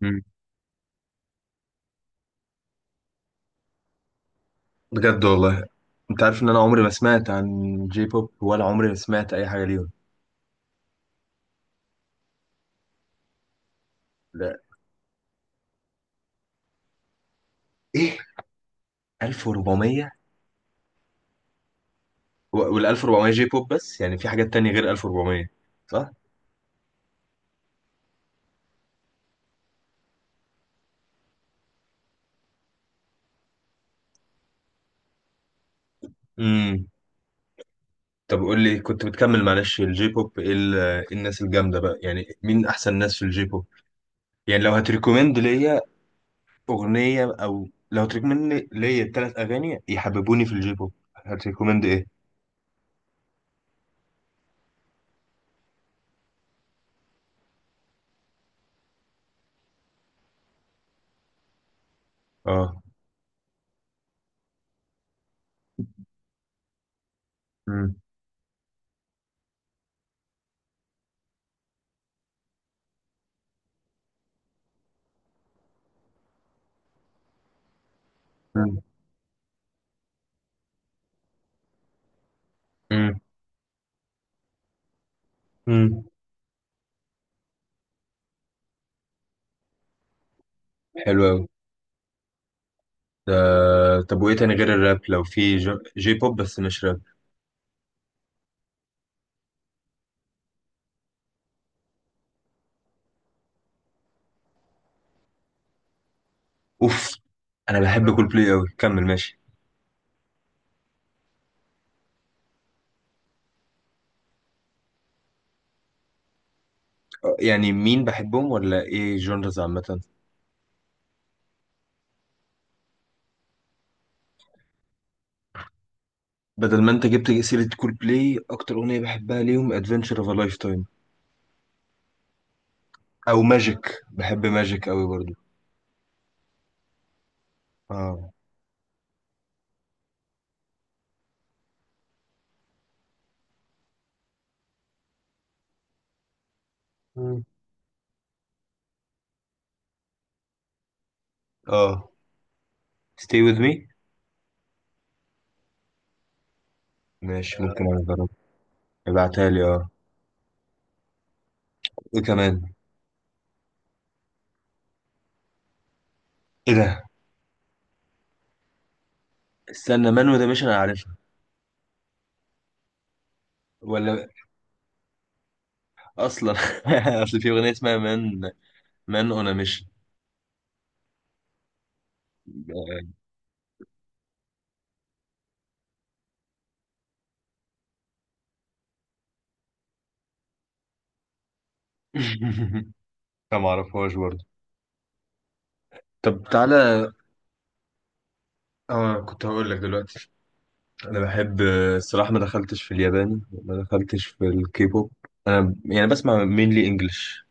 مم. بجد والله. انت عارف ان انا عمري ما سمعت عن جي بوب، ولا عمري ما سمعت اي حاجه ليهم. لا، ايه، 1400؟ وال 1400 جي بوب بس، يعني في حاجات تانية غير 1400؟ صح. امم طب قول لي، كنت بتكمل، معلش، الجي بوب ايه إيه الناس الجامده بقى، يعني مين احسن ناس في الجي بوب؟ يعني لو هتريكومند ليا اغنيه، او لو هتريكومند ليا ثلاث اغاني يحببوني في الجي بوب، هتريكومند ايه؟ اه. امم امم امم حلو قوي. طب وايه تاني غير الراب؟ لو في جي بوب بس مش راب. اوف، انا بحب كول بلاي قوي، كمل، ماشي. يعني مين بحبهم؟ ولا ايه؟ جونرز عامه؟ بدل ما انت جبت سيره كول بلاي، اكتر اغنيه بحبها ليهم ادفنتشر اوف ا لايف تايم، او ماجيك. بحب ماجيك قوي برضو. اه. مم. اه. stay with me. ماشي، ممكن اجرب. ابعتها لي، اه. ايه كمان؟ ايه ده؟ استنى، مان وده مش انا عارفها. ولا اصلا، اصل في اغنيه اسمها مان. مان اون ميشن. لا ما اعرفهاش برضه. طب تعالى. اه، كنت هقول لك دلوقتي. انا بحب، الصراحه ما دخلتش في الياباني، ما دخلتش في الكيبوب. انا يعني بسمع مينلي انجلش.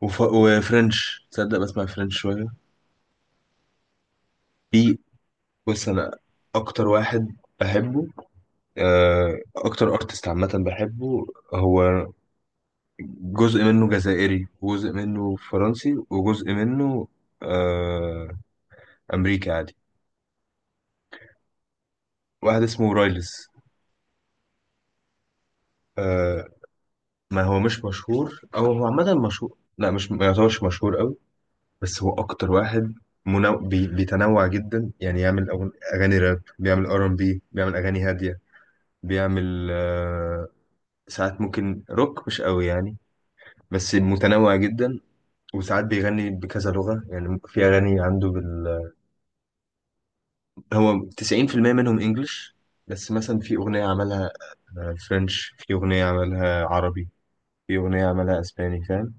وفرنش، تصدق بسمع فرنش شويه؟ في، بص، انا اكتر واحد بحبه، اكتر ارتست عامه بحبه، هو جزء منه جزائري، وجزء منه فرنسي، وجزء منه آه، امريكي عادي. واحد اسمه رايلز. ما هو مش مشهور، او هو عامه مشهور، لا مش، ما يعتبرش مشهور قوي. بس هو اكتر واحد بيتنوع جدا، يعني يعمل اغاني راب، بيعمل ار ام بي، بيعمل اغاني هاديه، بيعمل ساعات ممكن روك، مش قوي يعني، بس متنوع جدا. وساعات بيغني بكذا لغه، يعني في اغاني عنده هو 90% منهم انجلش، بس مثلا في اغنيه عملها فرنش، في اغنيه عملها عربي، في اغنيه عملها اسباني، فاهم؟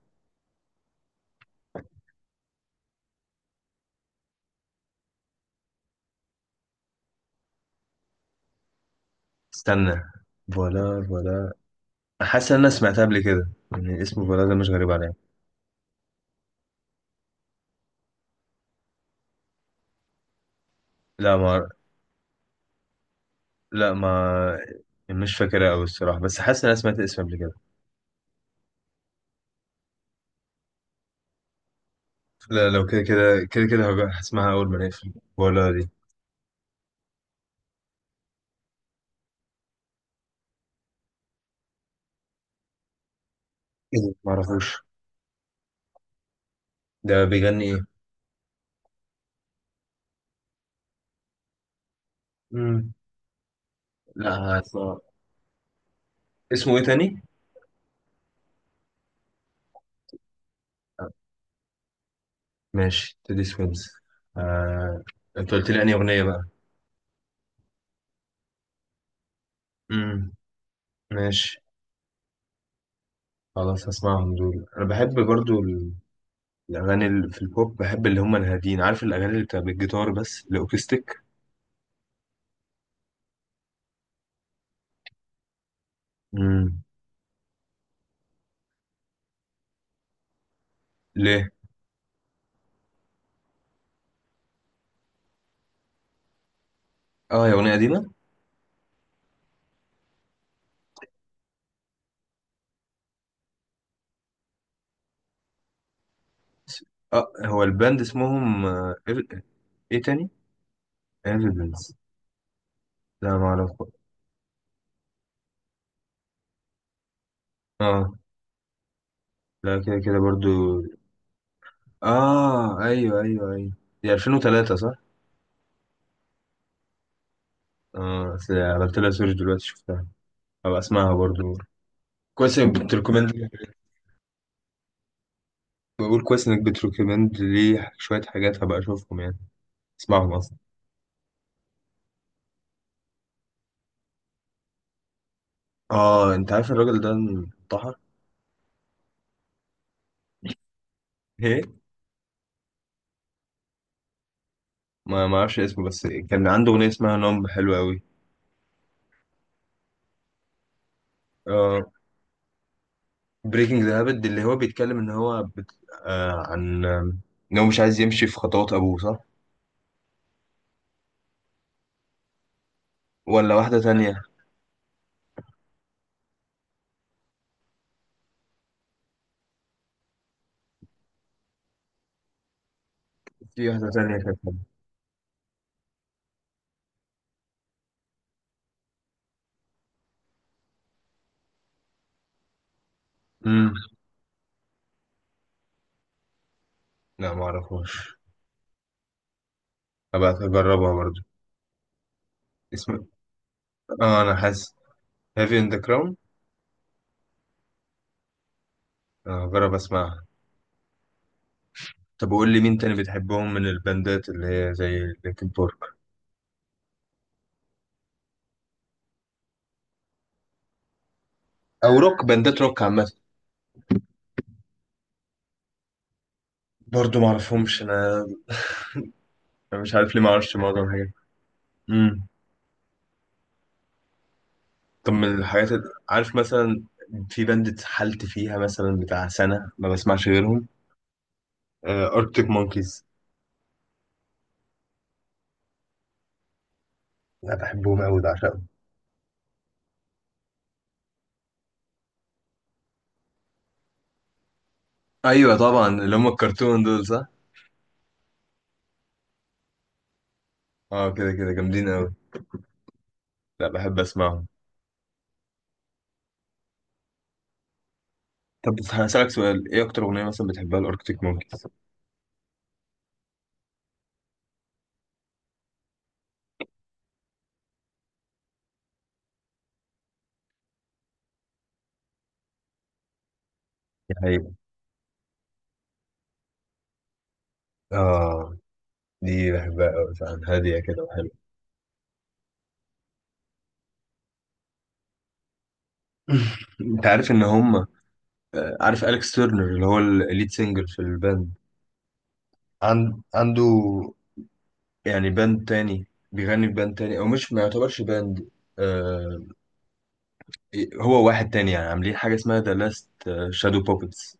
استنى، فوالا، فوالا، حاسس ان انا سمعتها قبل كده، يعني اسم البلد ده مش غريب عليا. لا ما لا ما مش فاكرها قوي الصراحه، بس حاسس ان انا سمعت الاسم قبل كده. لا، لو كده كده كده كده هبقى هسمعها اول ما نقفل، ولا دي؟ ايه ده؟ ما اعرفوش. ده بيغني ايه؟ امم. لا، هسمع. اسمه ايه تاني؟ ماشي، تيدي سويمز. آه... انت قلت لي انهي اغنيه بقى؟ امم. ماشي. خلاص هسمعهم دول. انا بحب برضو الاغاني اللي في البوب، بحب اللي هم الهاديين، عارف الاغاني اللي بتبقى بالجيتار بس، الاوكستيك. امم. ليه؟ اه، هي أغنية قديمة؟ اه، هو الباند اسمهم ايه تاني؟ ايفيدنس. لا، ما اعرف. اه. لا، كده كده برضو. اه، ايوه، ايوه، ايوه. دي 2003 صح؟ اه، بس عملت لها سيرش دلوقتي، شفتها. هبقى اسمعها برضو. كويس انك بتريكومند. بقول كويس انك بتريكومند لي شوية حاجات، هبقى اشوفهم يعني، اسمعهم اصلا. اه، انت عارف الراجل ده انتحر؟ ايه؟ ما اعرفش اسمه، بس كان عنده اغنية اسمها نوم حلوة قوي. اه، بريكنج ذا هابت، اللي هو بيتكلم ان هو بت... آه عن آه، ان هو مش عايز يمشي في خطوات ابوه، صح؟ ولا واحدة تانية؟ في واحدة تانية كانت. امم. لا، ما اعرفهاش، هبقى اجربها برضو. اسم، اه انا حاسس، هافي ان ذا كراون. اجرب اسمعها. طب وقول لي، مين تاني بتحبهم من الباندات اللي هي زي لينكن بارك؟ او روك، باندات روك عامة؟ برضو ما اعرفهمش انا. أنا مش عارف ليه ما اعرفش معظم الحاجات. طب من الحاجات عارف مثلا، في باند اتحلت فيها مثلا، بتاع سنة ما بسمعش غيرهم، أركتيك مونكيز. أنا بحبهم أوي، بعشقهم. أيوة طبعا، اللي هم الكرتون دول، صح؟ اه، كده كده جامدين أوي، لا بحب أسمعهم. طب بس هسألك سؤال، إيه أكتر أغنية مثلا بتحبها الأركتيك مونكيز؟ يعني آه دي بحبها أوي فعلا، هادية كده وحلوة. أنت عارف إن هم عارف أليكس تيرنر اللي هو الليد سينجر في الباند؟ عنده يعني باند تاني، بيغني في باند تاني، او مش، ما يعتبرش باند، آه هو واحد تاني يعني، عاملين حاجه اسمها ذا لاست شادو بوبتس.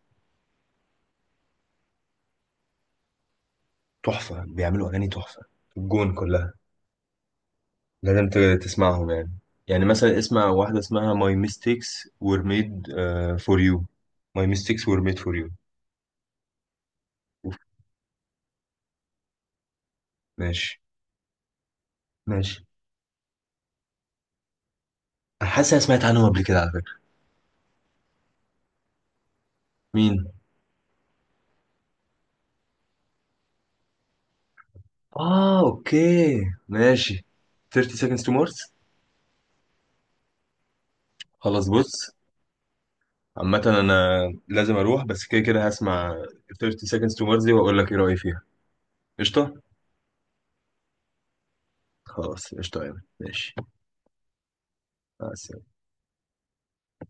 تحفه، بيعملوا اغاني تحفه، الجون كلها، لازم تسمعهم يعني. يعني مثلا اسمع واحده اسمها ماي ميستيكس وير ميد فور يو، ماي ميستيكس وير ميد فور يو. ماشي، ماشي. انا حاسس أنا سمعت عنهم قبل كده على فكره. مين؟ اه، اوكي، ماشي. 30 seconds to Mars. خلاص، بص، عامة أنا لازم أروح، بس كده كده هسمع 30 seconds to Mars دي، وأقول لك إيه رأيي فيها. قشطة؟ خلاص، قشطة يعني، ماشي. مع السلامة.